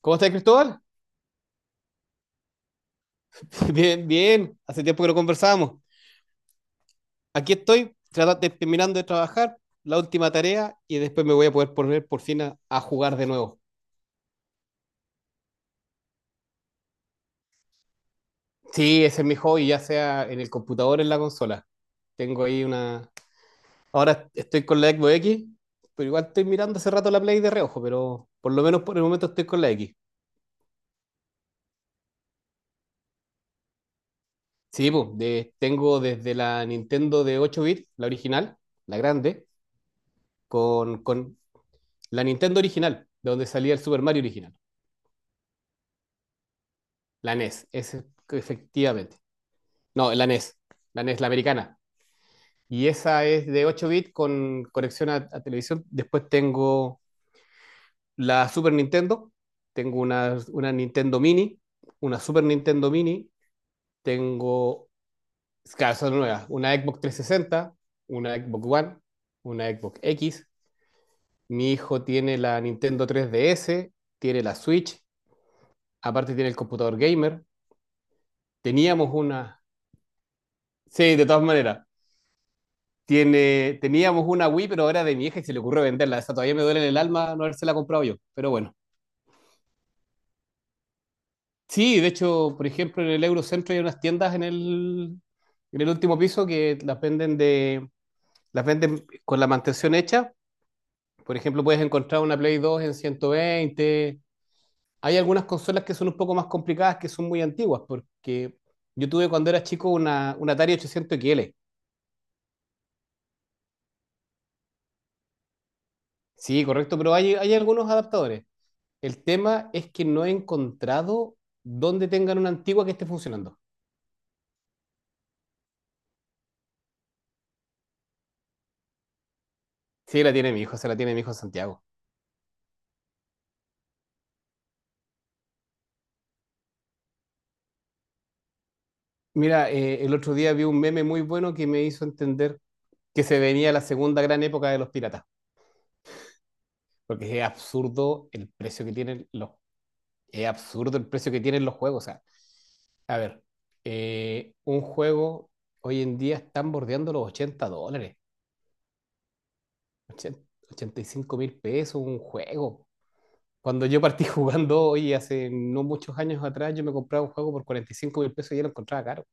¿Cómo estás, Cristóbal? Bien, bien. Hace tiempo que no conversábamos. Aquí estoy, terminando de trabajar, la última tarea, y después me voy a poder poner por fin a jugar de nuevo. Sí, ese es mi hobby, ya sea en el computador o en la consola. Tengo ahí una. Ahora estoy con la Xbox X, pero igual estoy mirando hace rato la Play de reojo, pero por lo menos por el momento estoy con la X. Sí, pues, tengo desde la Nintendo de 8 bits, la original, la grande, con la Nintendo original, de donde salía el Super Mario original. La NES, es efectivamente. No, la NES, la americana. Y esa es de 8 bits con conexión a televisión. Después tengo la Super Nintendo, tengo una Nintendo Mini, una Super Nintendo Mini, tengo, claro, son nuevas, una Xbox 360, una Xbox One, una Xbox X. Mi hijo tiene la Nintendo 3DS, tiene la Switch, aparte tiene el computador gamer. Teníamos una. Sí, de todas maneras. Teníamos una Wii, pero era de mi hija y se le ocurrió venderla. Esa todavía me duele en el alma no haberse la comprado yo, pero bueno. Sí, de hecho, por ejemplo, en el Eurocentro hay unas tiendas en el último piso que las venden con la mantención hecha. Por ejemplo, puedes encontrar una Play 2 en 120. Hay algunas consolas que son un poco más complicadas, que son muy antiguas, porque yo tuve cuando era chico una Atari 800 XL. Sí, correcto, pero hay algunos adaptadores. El tema es que no he encontrado dónde tengan una antigua que esté funcionando. Sí, la tiene mi hijo, se la tiene mi hijo Santiago. Mira, el otro día vi un meme muy bueno que me hizo entender que se venía la segunda gran época de los piratas, porque es absurdo el precio que tienen los juegos. O sea, a ver, un juego hoy en día están bordeando los $80, ochenta $85.000 un juego. Cuando yo partí jugando, hoy hace no muchos años atrás, yo me compraba un juego por 45 mil pesos y ya lo encontraba caro.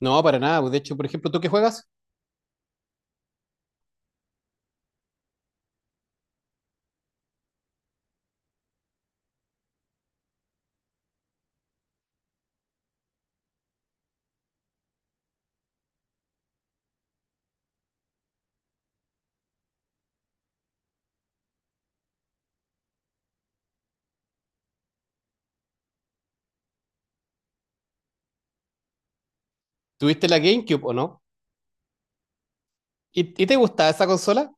No, para nada, pues. De hecho, por ejemplo, ¿tú qué juegas? ¿Tuviste la GameCube o no? ¿Y te gustaba esa consola?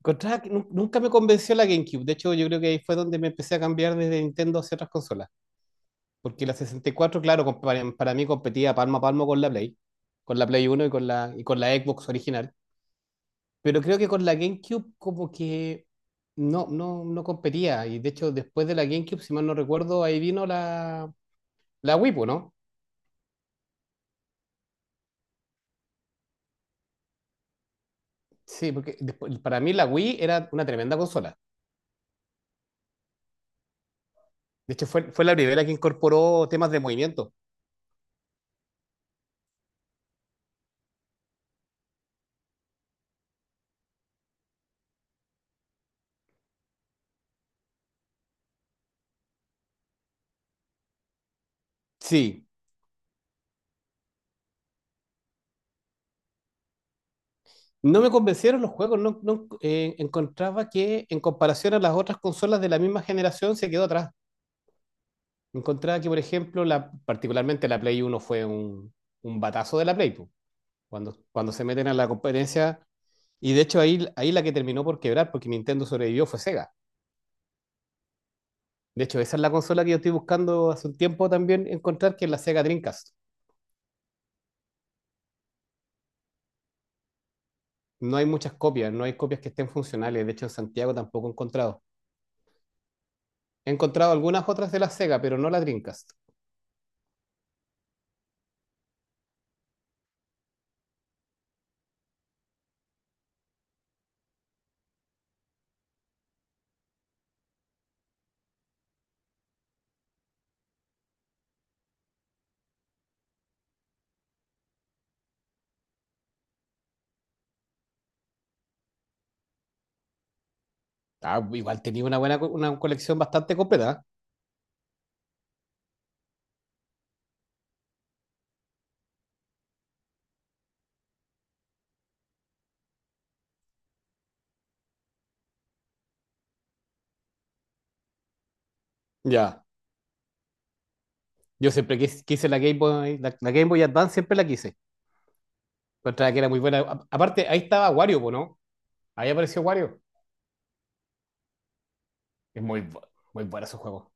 Encontraba que nunca me convenció la GameCube. De hecho, yo creo que ahí fue donde me empecé a cambiar desde Nintendo hacia otras consolas. Porque la 64, claro, para mí competía palmo a palmo con la Play. Con la Play 1 y y con la Xbox original. Pero creo que con la GameCube como que no competía. Y de hecho, después de la GameCube, si mal no recuerdo, ahí vino la Wii, pues, ¿no? Sí, porque para mí la Wii era una tremenda consola. De hecho, fue la primera que incorporó temas de movimiento. Sí, no me convencieron los juegos. No, no, encontraba que en comparación a las otras consolas de la misma generación se quedó atrás. Encontraba que, por ejemplo, particularmente la Play 1 fue un batazo de la Play, pues. Cuando se meten a la competencia. Y de hecho ahí la que terminó por quebrar, porque Nintendo sobrevivió, fue Sega. De hecho, esa es la consola que yo estoy buscando hace un tiempo también encontrar, que es la Sega Dreamcast. No hay muchas copias, no hay copias que estén funcionales. De hecho, en Santiago tampoco he encontrado. He encontrado algunas otras de la Sega, pero no la Dreamcast. Ah, igual tenía una buena una colección bastante completa. ¿Eh? Ya. Yo siempre quise la Game Boy, la Game Boy Advance, siempre la quise. Encontraba que era muy buena. Aparte, ahí estaba Wario, po, ¿no? Ahí apareció Wario. Es muy, bu- Muy bueno ese juego.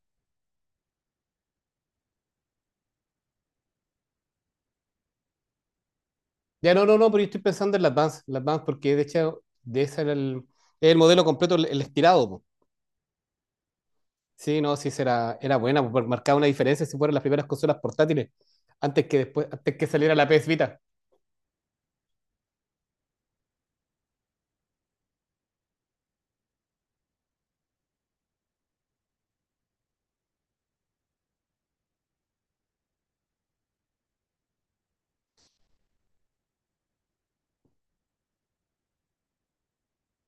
Ya no, no, no, pero yo estoy pensando en la Advance, porque de hecho, de ese era el modelo completo, el estirado, po. Sí, no, sí, era buena, po, porque marcaba una diferencia si fueran las primeras consolas portátiles, antes que saliera la PS Vita.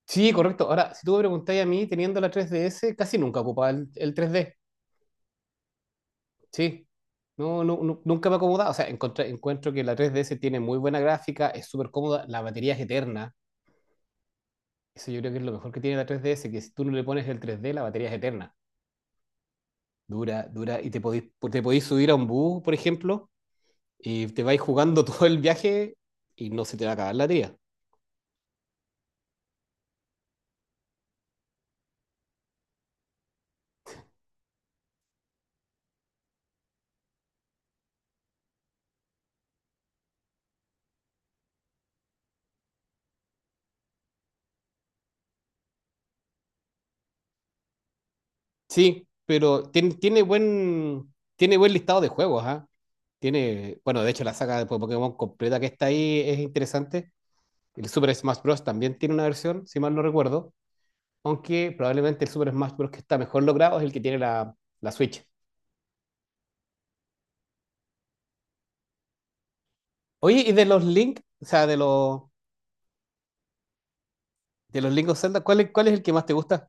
Sí, correcto. Ahora, si tú me preguntáis a mí, teniendo la 3DS, casi nunca ocupaba el 3D. Sí. No, no, nunca me ha acomodado. O sea, encuentro que la 3DS tiene muy buena gráfica, es súper cómoda, la batería es eterna. Eso yo creo que es lo mejor que tiene la 3DS, que si tú no le pones el 3D, la batería es eterna. Dura, dura. Y te podís subir a un bus, por ejemplo, y te vais jugando todo el viaje y no se te va a acabar la tía. Sí, pero tiene buen listado de juegos, ¿ah? Tiene, bueno, de hecho la saga de Pokémon completa que está ahí es interesante. El Super Smash Bros. También tiene una versión, si mal no recuerdo, aunque probablemente el Super Smash Bros. Que está mejor logrado es el que tiene la Switch. Oye, ¿y de los Link, o sea, de los Link of Zelda, cuál es el que más te gusta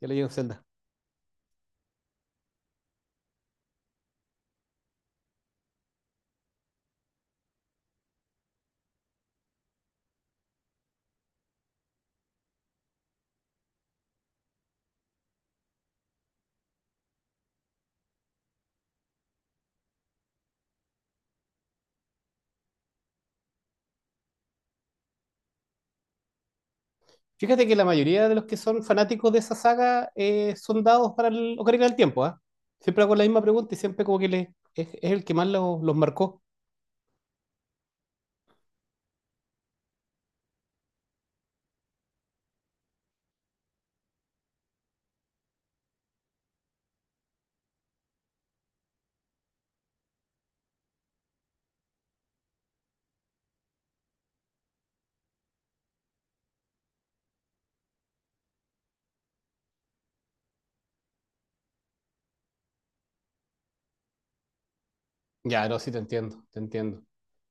de los Link of Zelda? Fíjate que la mayoría de los que son fanáticos de esa saga son dados para el Ocarina del Tiempo, ¿ah? Siempre hago la misma pregunta y siempre como que es el que más los marcó. Ya, no, sí, te entiendo, te entiendo.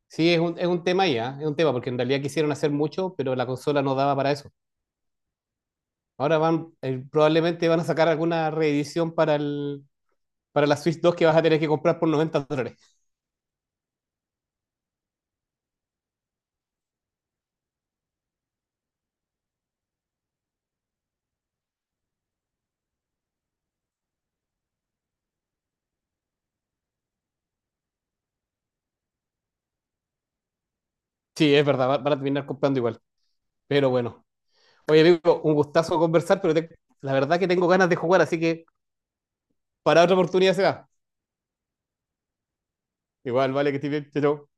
Sí, es un tema ahí, ¿ah? Es un tema, porque en realidad quisieron hacer mucho, pero la consola no daba para eso. Ahora probablemente van a sacar alguna reedición para la Switch 2 que vas a tener que comprar por $90. Sí, es verdad, van a terminar comprando igual. Pero bueno. Oye, amigo, un gustazo conversar, pero la verdad que tengo ganas de jugar, así que para otra oportunidad se da. Igual, vale, que estés bien. Chao,